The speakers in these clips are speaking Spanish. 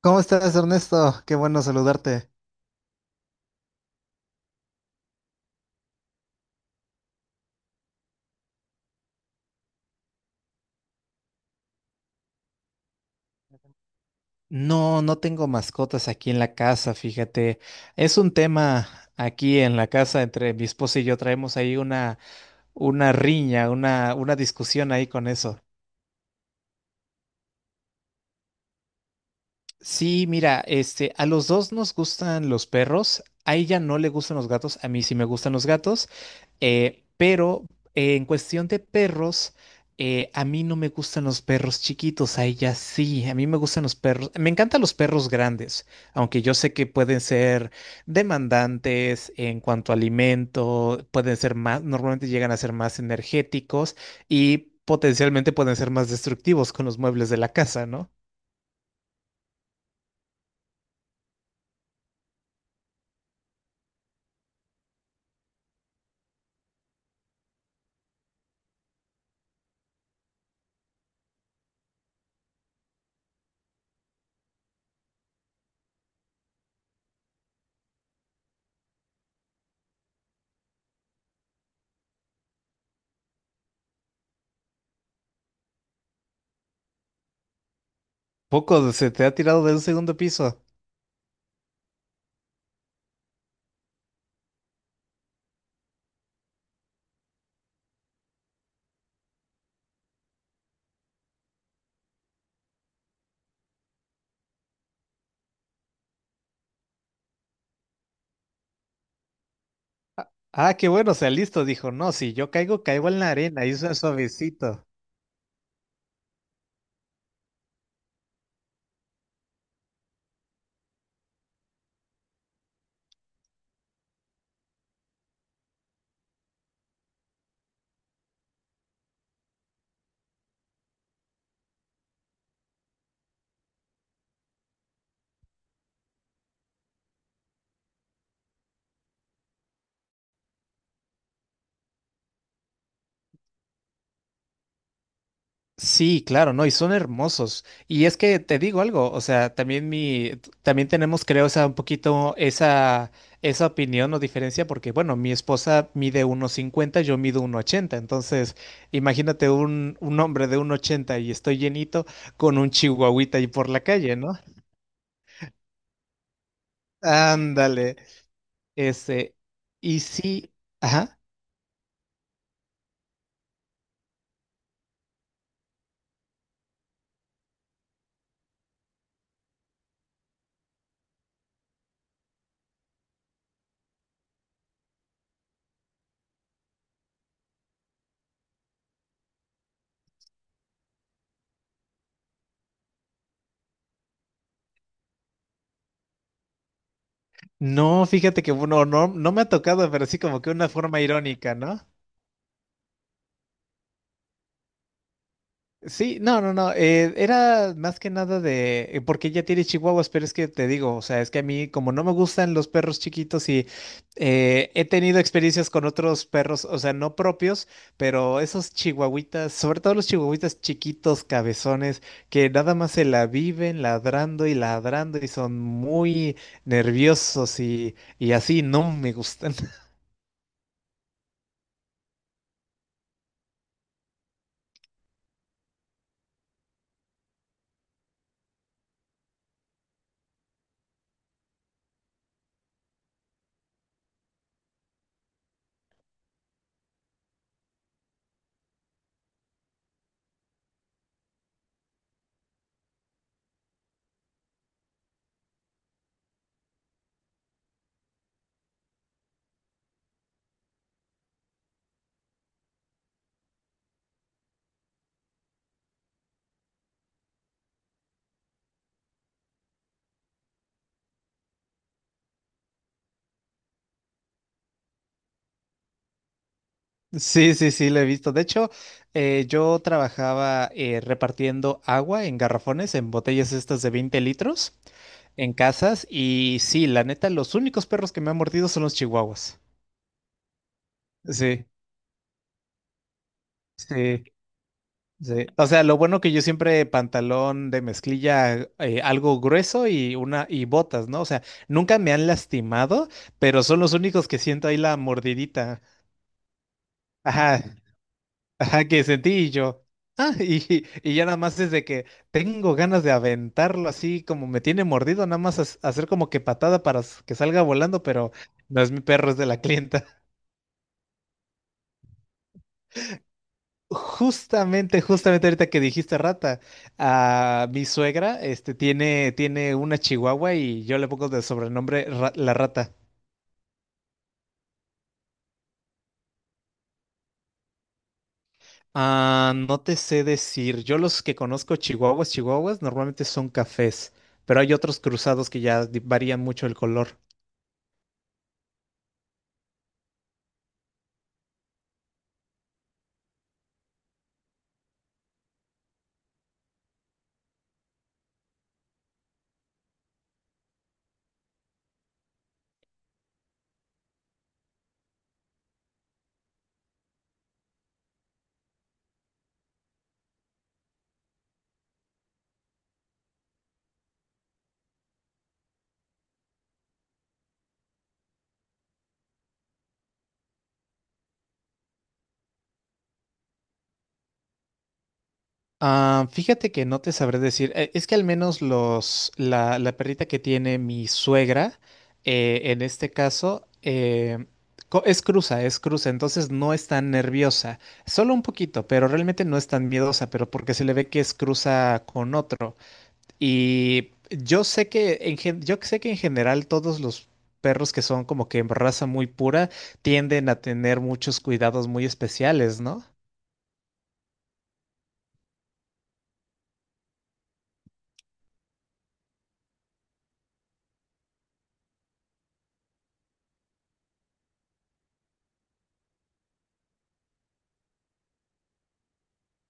¿Cómo estás, Ernesto? Qué bueno saludarte. No, no tengo mascotas aquí en la casa, fíjate. Es un tema aquí en la casa entre mi esposa y yo. Traemos ahí una riña, una discusión ahí con eso. Sí, mira, este, a los dos nos gustan los perros, a ella no le gustan los gatos, a mí sí me gustan los gatos, pero en cuestión de perros, a mí no me gustan los perros chiquitos, a ella sí, a mí me gustan los perros, me encantan los perros grandes, aunque yo sé que pueden ser demandantes en cuanto a alimento, pueden ser más, normalmente llegan a ser más energéticos y potencialmente pueden ser más destructivos con los muebles de la casa, ¿no? Poco se te ha tirado de un segundo piso. Ah, ah, qué bueno, o sea, listo, dijo. No, si yo caigo, caigo en la arena y es suavecito. Sí, claro, no, y son hermosos. Y es que te digo algo, o sea, también tenemos, creo, o sea, un poquito esa opinión o diferencia, porque bueno, mi esposa mide 1,50, yo mido 1,80, entonces, imagínate un hombre de 1,80 y estoy llenito con un chihuahuita ahí por la calle, ¿no? Ándale. Este, y sí, ajá. No, fíjate que bueno, no, no me ha tocado, pero sí como que una forma irónica, ¿no? Sí, no, no, no, era más que nada porque ella tiene chihuahuas, pero es que te digo, o sea, es que a mí como no me gustan los perros chiquitos y he tenido experiencias con otros perros, o sea, no propios, pero esos chihuahuitas, sobre todo los chihuahuitas chiquitos, cabezones, que nada más se la viven ladrando y ladrando y son muy nerviosos y así, no me gustan. Sí, sí, sí, lo he visto. De hecho, yo trabajaba repartiendo agua en garrafones, en botellas estas de 20 litros, en casas. Y sí, la neta, los únicos perros que me han mordido son los chihuahuas. Sí, sí, sí. O sea, lo bueno que yo siempre pantalón de mezclilla, algo grueso y una y botas, ¿no? O sea, nunca me han lastimado, pero son los únicos que siento ahí la mordidita. Ajá, ajá, que sentí y yo. Ah, y ya nada más desde que tengo ganas de aventarlo así como me tiene mordido, nada más hacer como que patada para que salga volando, pero no es mi perro, es de la clienta. Justamente, justamente ahorita que dijiste rata, a mi suegra tiene una chihuahua y yo le pongo de sobrenombre la rata. Ah, no te sé decir. Yo los que conozco chihuahuas, chihuahuas, normalmente son cafés, pero hay otros cruzados que ya varían mucho el color. Ah, fíjate que no te sabré decir. Es que al menos la perrita que tiene mi suegra, en este caso, es cruza, entonces no es tan nerviosa. Solo un poquito, pero realmente no es tan miedosa, pero porque se le ve que es cruza con otro. Yo sé que en general todos los perros que son como que en raza muy pura tienden a tener muchos cuidados muy especiales, ¿no?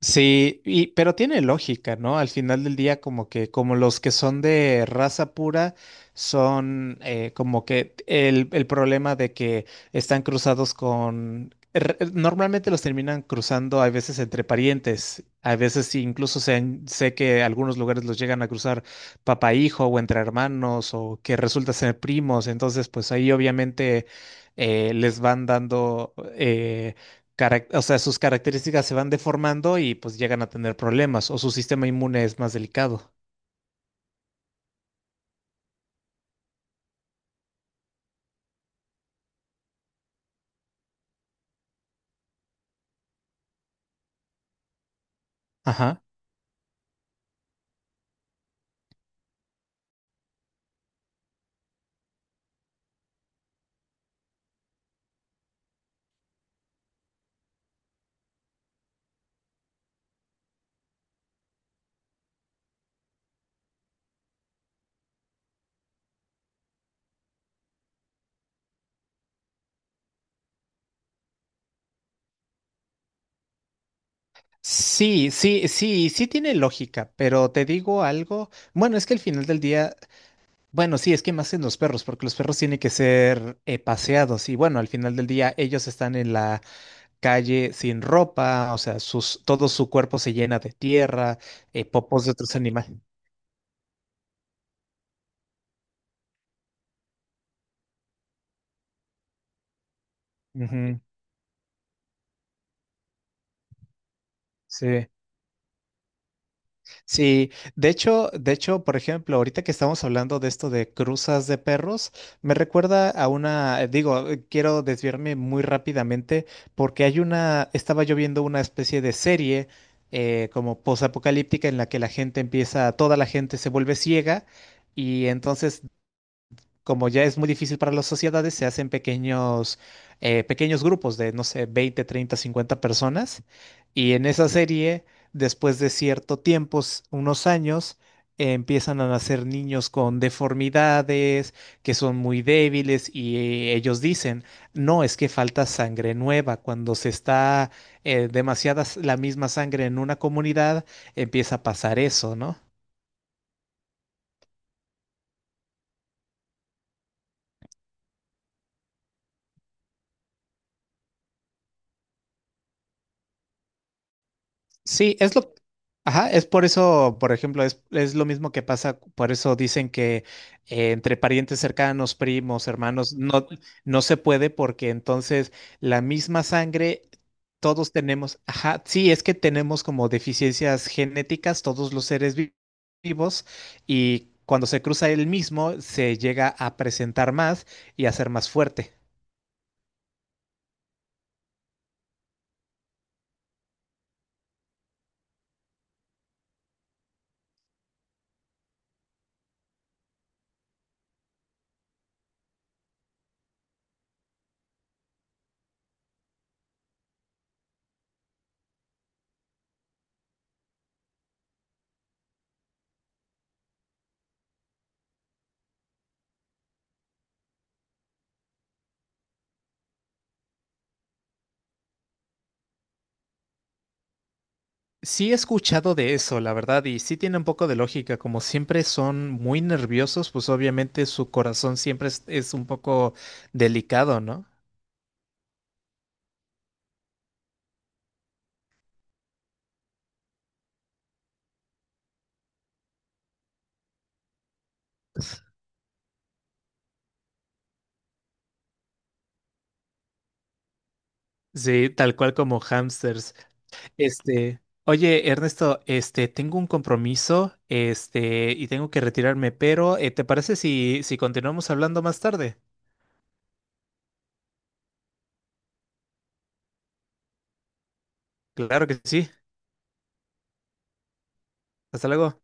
Sí, pero tiene lógica, ¿no? Al final del día, como los que son de raza pura, son como que el problema de que están cruzados con. Normalmente los terminan cruzando a veces entre parientes, a veces sí, incluso sé que algunos lugares los llegan a cruzar papá hijo o entre hermanos o que resulta ser primos, entonces pues ahí obviamente les van dando o sea, sus características se van deformando y pues llegan a tener problemas o su sistema inmune es más delicado. Ajá. Sí, sí, sí, sí tiene lógica, pero te digo algo. Bueno, es que al final del día, bueno, sí, es que más en los perros, porque los perros tienen que ser paseados y bueno, al final del día ellos están en la calle sin ropa, o sea, todo su cuerpo se llena de tierra, popos de otros animales. Ujú, sí. Sí, de hecho, por ejemplo, ahorita que estamos hablando de esto de cruzas de perros, me recuerda quiero desviarme muy rápidamente porque hay estaba yo viendo una especie de serie como posapocalíptica en la que la gente empieza, toda la gente se vuelve ciega y entonces como ya es muy difícil para las sociedades, se hacen pequeños grupos de, no sé, 20, 30, 50 personas. Y en esa serie, después de cierto tiempo, unos años, empiezan a nacer niños con deformidades, que son muy débiles, y ellos dicen, no, es que falta sangre nueva. Cuando se está demasiada la misma sangre en una comunidad, empieza a pasar eso, ¿no? Sí, ajá, es por eso, por ejemplo, es lo mismo que pasa, por eso dicen que entre parientes cercanos, primos, hermanos, no, no se puede porque entonces la misma sangre, todos tenemos, ajá, sí, es que tenemos como deficiencias genéticas, todos los seres vivos, y cuando se cruza el mismo, se llega a presentar más y a ser más fuerte. Sí he escuchado de eso, la verdad, y sí tiene un poco de lógica. Como siempre son muy nerviosos, pues obviamente su corazón siempre es un poco delicado, ¿no? Sí, tal cual como hamsters. Oye, Ernesto, tengo un compromiso, y tengo que retirarme, pero ¿te parece si continuamos hablando más tarde? Claro que sí. Hasta luego.